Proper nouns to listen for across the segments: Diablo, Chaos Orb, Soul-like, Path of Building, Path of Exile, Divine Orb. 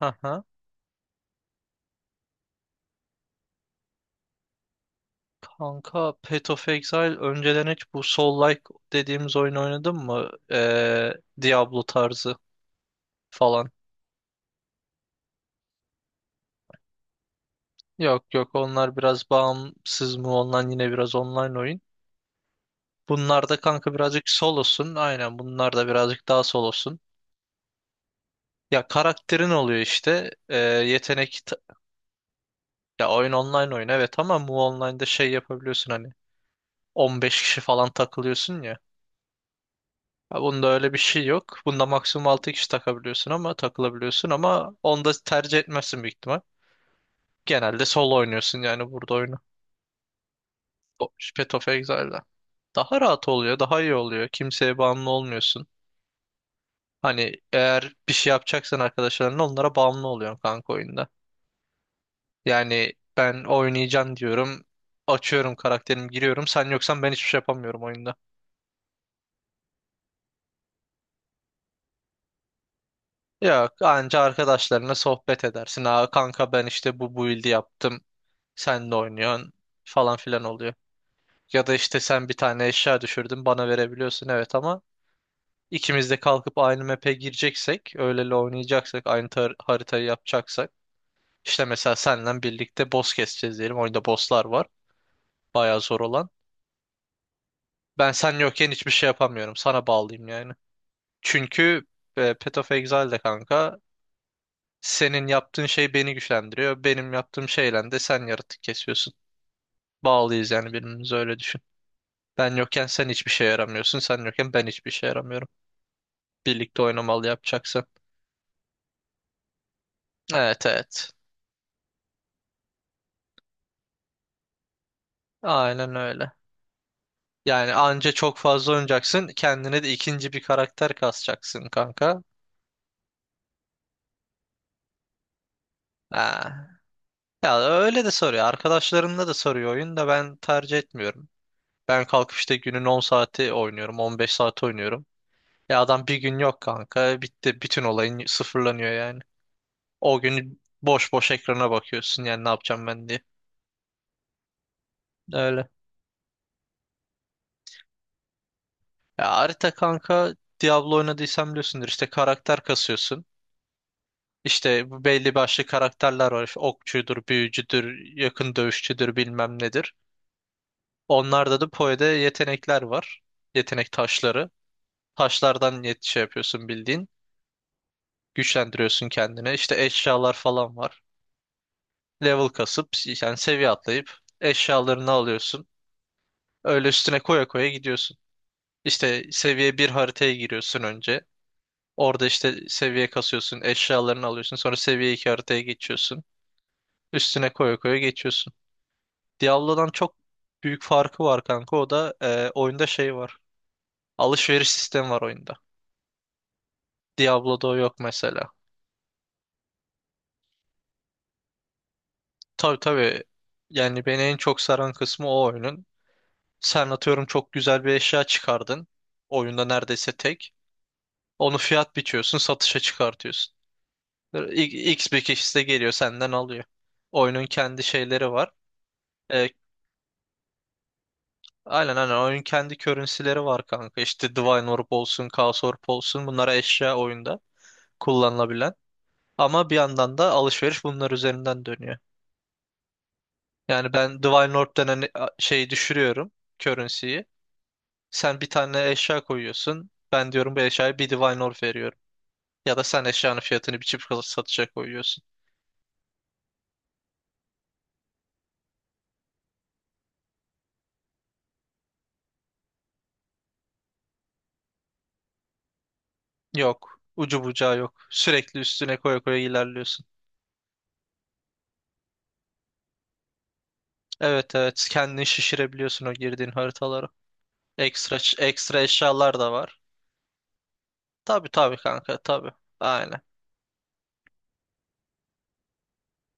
Aha. Kanka Path of Exile önceden hiç bu Soul-like dediğimiz oyun oynadın mı? Diablo tarzı falan. Yok, yok, onlar biraz bağımsız mı ondan yine biraz online oyun. Bunlar da kanka birazcık solosun. Aynen, bunlar da birazcık daha solosun. Ya karakterin oluyor işte. Ya oyun online oyun, evet, ama mu online'da şey yapabiliyorsun hani 15 kişi falan takılıyorsun ya. Ha, bunda öyle bir şey yok. Bunda maksimum 6 kişi takabiliyorsun ama takılabiliyorsun, ama onu da tercih etmezsin büyük ihtimal. Genelde solo oynuyorsun yani burada oyunu. O- Path of Exile'da. Daha rahat oluyor, daha iyi oluyor. Kimseye bağımlı olmuyorsun. Hani eğer bir şey yapacaksan arkadaşlarınla, onlara bağımlı oluyorsun kanka oyunda. Yani ben oynayacağım diyorum. Açıyorum karakterimi, giriyorum. Sen yoksan ben hiçbir şey yapamıyorum oyunda. Yok, anca arkadaşlarına sohbet edersin. Aa kanka, ben işte bu build'i yaptım. Sen de oynuyorsun falan filan oluyor. Ya da işte sen bir tane eşya düşürdün, bana verebiliyorsun, evet, ama ikimiz de kalkıp aynı map'e gireceksek, öyleli oynayacaksak, haritayı yapacaksak, işte mesela seninle birlikte boss keseceğiz diyelim. Oyunda bosslar var. Bayağı zor olan. Ben sen yokken hiçbir şey yapamıyorum. Sana bağlıyım yani. Çünkü Path of Exile'de kanka, senin yaptığın şey beni güçlendiriyor. Benim yaptığım şeyle de sen yaratık kesiyorsun. Bağlıyız yani birbirimize, öyle düşün. Ben yokken sen hiçbir şeye yaramıyorsun. Sen yokken ben hiçbir şeye yaramıyorum. Birlikte oynamalı yapacaksın. Evet, evet. Aynen öyle. Yani anca çok fazla oynayacaksın. Kendine de ikinci bir karakter kasacaksın kanka. Ha. Ya öyle de soruyor. Arkadaşlarımla da soruyor oyun da ben tercih etmiyorum. Ben kalkıp işte günün 10 saati oynuyorum. 15 saat oynuyorum. Ya adam bir gün yok kanka. Bitti. Bütün olayın sıfırlanıyor yani. O günü boş boş ekrana bakıyorsun yani ne yapacağım ben diye. Öyle. Ya harita kanka, Diablo oynadıysan biliyorsundur, işte karakter kasıyorsun. İşte bu belli başlı karakterler var. İşte okçudur, büyücüdür, yakın dövüşçüdür, bilmem nedir. Onlarda da Poe'de yetenekler var. Yetenek taşları. Taşlardan şey yapıyorsun bildiğin. Güçlendiriyorsun kendine. İşte eşyalar falan var. Level kasıp, yani seviye atlayıp eşyalarını alıyorsun. Öyle üstüne koya koya gidiyorsun. İşte seviye bir haritaya giriyorsun önce. Orada işte seviye kasıyorsun, eşyalarını alıyorsun. Sonra seviye 2 haritaya geçiyorsun. Üstüne koya koya geçiyorsun. Diablo'dan çok büyük farkı var kanka. O da oyunda şey var. Alışveriş sistemi var oyunda. Diablo'da o yok mesela. Tabii, tabii. Yani beni en çok saran kısmı o oyunun. Sen atıyorum çok güzel bir eşya çıkardın. Oyunda neredeyse tek. Onu fiyat biçiyorsun, satışa çıkartıyorsun. X bir kişi de geliyor, senden alıyor. Oyunun kendi şeyleri var. E, Aynen, aynen, oyun kendi currency'leri var kanka. İşte Divine Orb olsun, Chaos Orb olsun, bunlara eşya oyunda kullanılabilen. Ama bir yandan da alışveriş bunlar üzerinden dönüyor. Yani ben Divine Orb denen şeyi düşürüyorum, currency'yi. Sen bir tane eşya koyuyorsun. Ben diyorum bu eşyaya bir Divine Orb veriyorum. Ya da sen eşyanın fiyatını bir çift kalıp satışa koyuyorsun. Yok. Ucu bucağı yok. Sürekli üstüne koya koya ilerliyorsun. Evet, evet, kendini şişirebiliyorsun o girdiğin haritalara. Ekstra, ekstra eşyalar da var. Tabii, tabii, kanka, tabii. Aynen.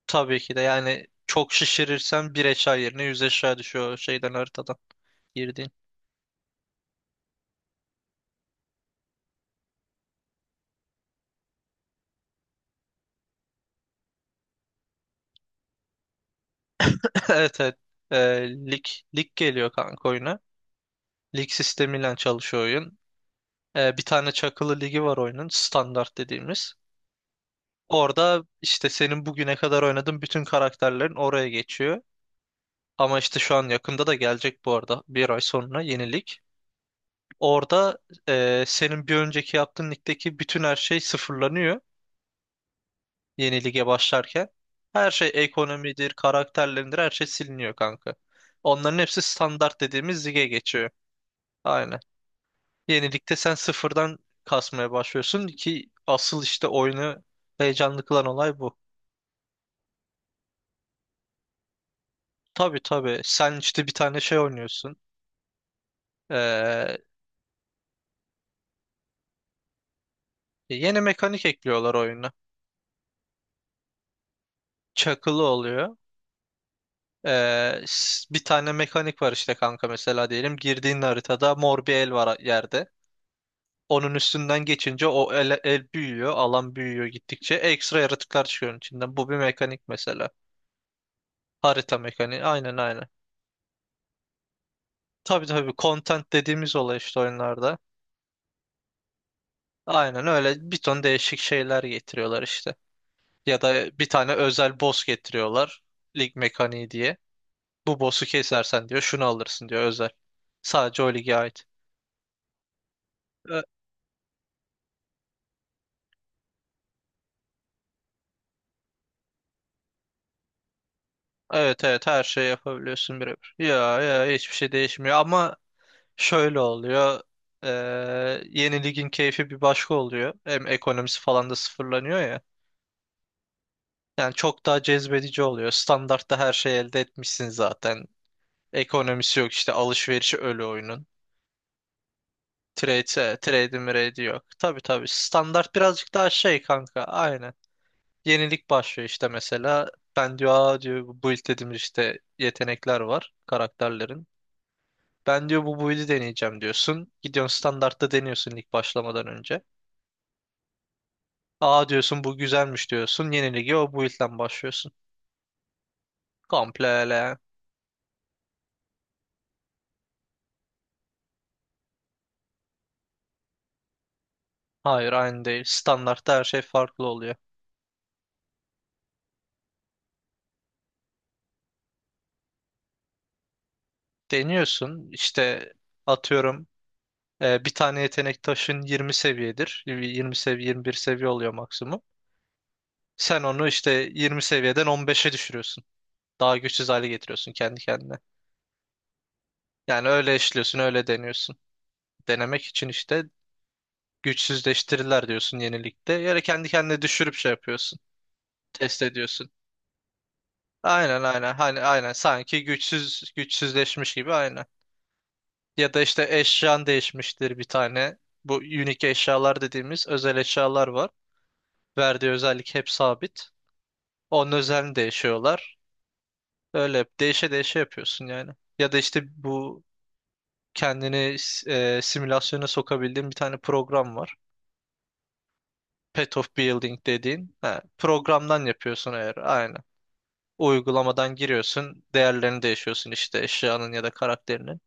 Tabii ki de, yani çok şişirirsen bir eşya yerine yüz eşya düşüyor şeyden, haritadan girdiğin. Evet, evet. Ee, lig, lig geliyor kanka oyuna. Lig sistemiyle çalışıyor oyun. Bir tane çakılı ligi var oyunun, standart dediğimiz. Orada işte senin bugüne kadar oynadığın bütün karakterlerin oraya geçiyor. Ama işte şu an yakında da gelecek bu arada. Bir ay sonra yeni lig. Orada senin bir önceki yaptığın ligdeki bütün her şey sıfırlanıyor yeni lige başlarken. Her şey, ekonomidir, karakterlerindir, her şey siliniyor kanka. Onların hepsi standart dediğimiz lige geçiyor. Aynen. Yeni ligde sen sıfırdan kasmaya başlıyorsun ki asıl işte oyunu heyecanlı kılan olay bu. Tabii, tabii. Sen işte bir tane şey oynuyorsun. Ee, yeni mekanik ekliyorlar oyuna. Çakılı oluyor. Bir tane mekanik var işte kanka, mesela diyelim. Girdiğin haritada mor bir el var yerde. Onun üstünden geçince o el, el büyüyor, alan büyüyor gittikçe. Ekstra yaratıklar çıkıyor onun içinden. Bu bir mekanik mesela. Harita mekaniği. Aynen, aynen. Tabii, tabii, content dediğimiz olay işte oyunlarda. Aynen öyle, bir ton değişik şeyler getiriyorlar işte. Ya da bir tane özel boss getiriyorlar. Lig mekaniği diye. Bu boss'u kesersen diyor şunu alırsın diyor, özel. Sadece o lige ait. E, Evet, evet, her şeyi yapabiliyorsun birebir. Ya ya hiçbir şey değişmiyor ama şöyle oluyor. Ee, Yeni ligin keyfi bir başka oluyor. Hem ekonomisi falan da sıfırlanıyor ya. Yani çok daha cezbedici oluyor. Standartta her şeyi elde etmişsin zaten. Ekonomisi yok, işte alışverişi ölü oyunun. Trade, trade mrade yok. Tabii, tabii, standart birazcık daha şey kanka, aynen. Yenilik başlıyor işte mesela. Ben diyor, aa diyor, bu build dediğimiz işte yetenekler var karakterlerin. Ben diyor bu build'i deneyeceğim diyorsun. Gidiyorsun standartta deniyorsun lig başlamadan önce. Aa diyorsun bu güzelmiş diyorsun. Yeni ligi o build'den başlıyorsun. Komple. Hayır, aynı değil. Standartta her şey farklı oluyor. Deniyorsun işte, atıyorum bir tane yetenek taşın 20 seviyedir. 20 seviye 21 seviye oluyor maksimum. Sen onu işte 20 seviyeden 15'e düşürüyorsun. Daha güçsüz hale getiriyorsun kendi kendine. Yani öyle işliyorsun, öyle deniyorsun. Denemek için işte, güçsüzleştirirler diyorsun yenilikte. Yani kendi kendine düşürüp şey yapıyorsun. Test ediyorsun. Aynen, aynen, hani, aynen sanki güçsüzleşmiş gibi, aynen. Ya da işte eşyan değişmiştir bir tane. Bu unique eşyalar dediğimiz özel eşyalar var. Verdiği özellik hep sabit. Onun özelliğini değişiyorlar. Öyle hep değişe değişe yapıyorsun yani. Ya da işte bu kendini simülasyona sokabildiğin bir tane program var. Path of Building dediğin. Ha, programdan yapıyorsun eğer, aynen. Uygulamadan giriyorsun. Değerlerini değişiyorsun işte, eşyanın ya da karakterinin.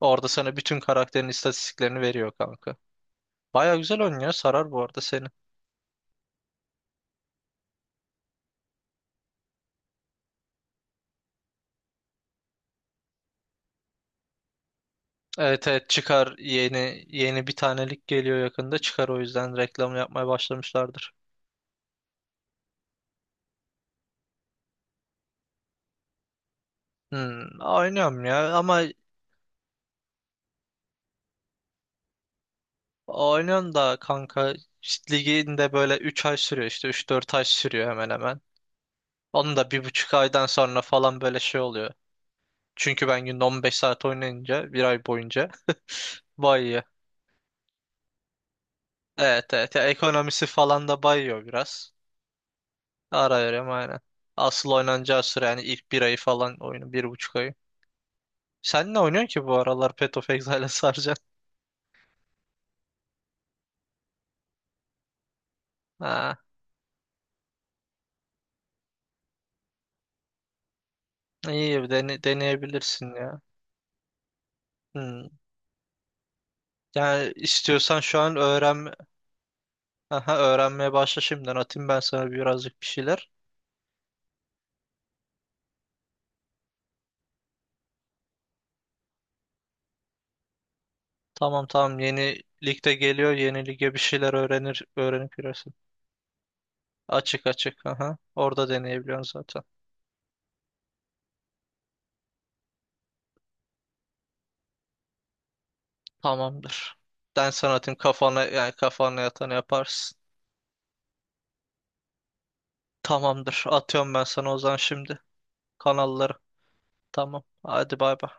Orada sana bütün karakterin istatistiklerini veriyor kanka. Baya güzel oynuyor. Sarar bu arada seni. Evet, evet, çıkar. Yeni yeni bir tanelik geliyor yakında. Çıkar, o yüzden reklam yapmaya başlamışlardır. Hmm, oynuyorum ya ama oynuyorum da kanka, işte ligin böyle 3 ay sürüyor, işte 3-4 ay sürüyor hemen hemen. Onun da bir buçuk aydan sonra falan böyle şey oluyor. Çünkü ben günde 15 saat oynayınca bir ay boyunca bayıyor. Evet, evet, ya ekonomisi falan da bayıyor biraz. Ara verem aynen. Asıl oynanacağı süre yani ilk bir ayı falan oyunu. Bir buçuk ayı. Sen ne oynuyorsun ki bu aralar Path of Exile'e saracaksın? Ha, iyi bir deneyebilirsin ya. Hmm. Yani istiyorsan şu an öğren. Aha, öğrenmeye başla şimdiden. Atayım ben sana birazcık bir şeyler. Tamam, tamam, yeni ligde geliyor. Yeni lige bir şeyler öğrenip giresin. Açık, açık. Aha. Orada deneyebiliyorsun zaten. Tamamdır. Ben sana atayım, kafana yani, kafana yatanı yaparsın. Tamamdır. Atıyorum ben sana o zaman şimdi kanalları. Tamam. Hadi bay bay.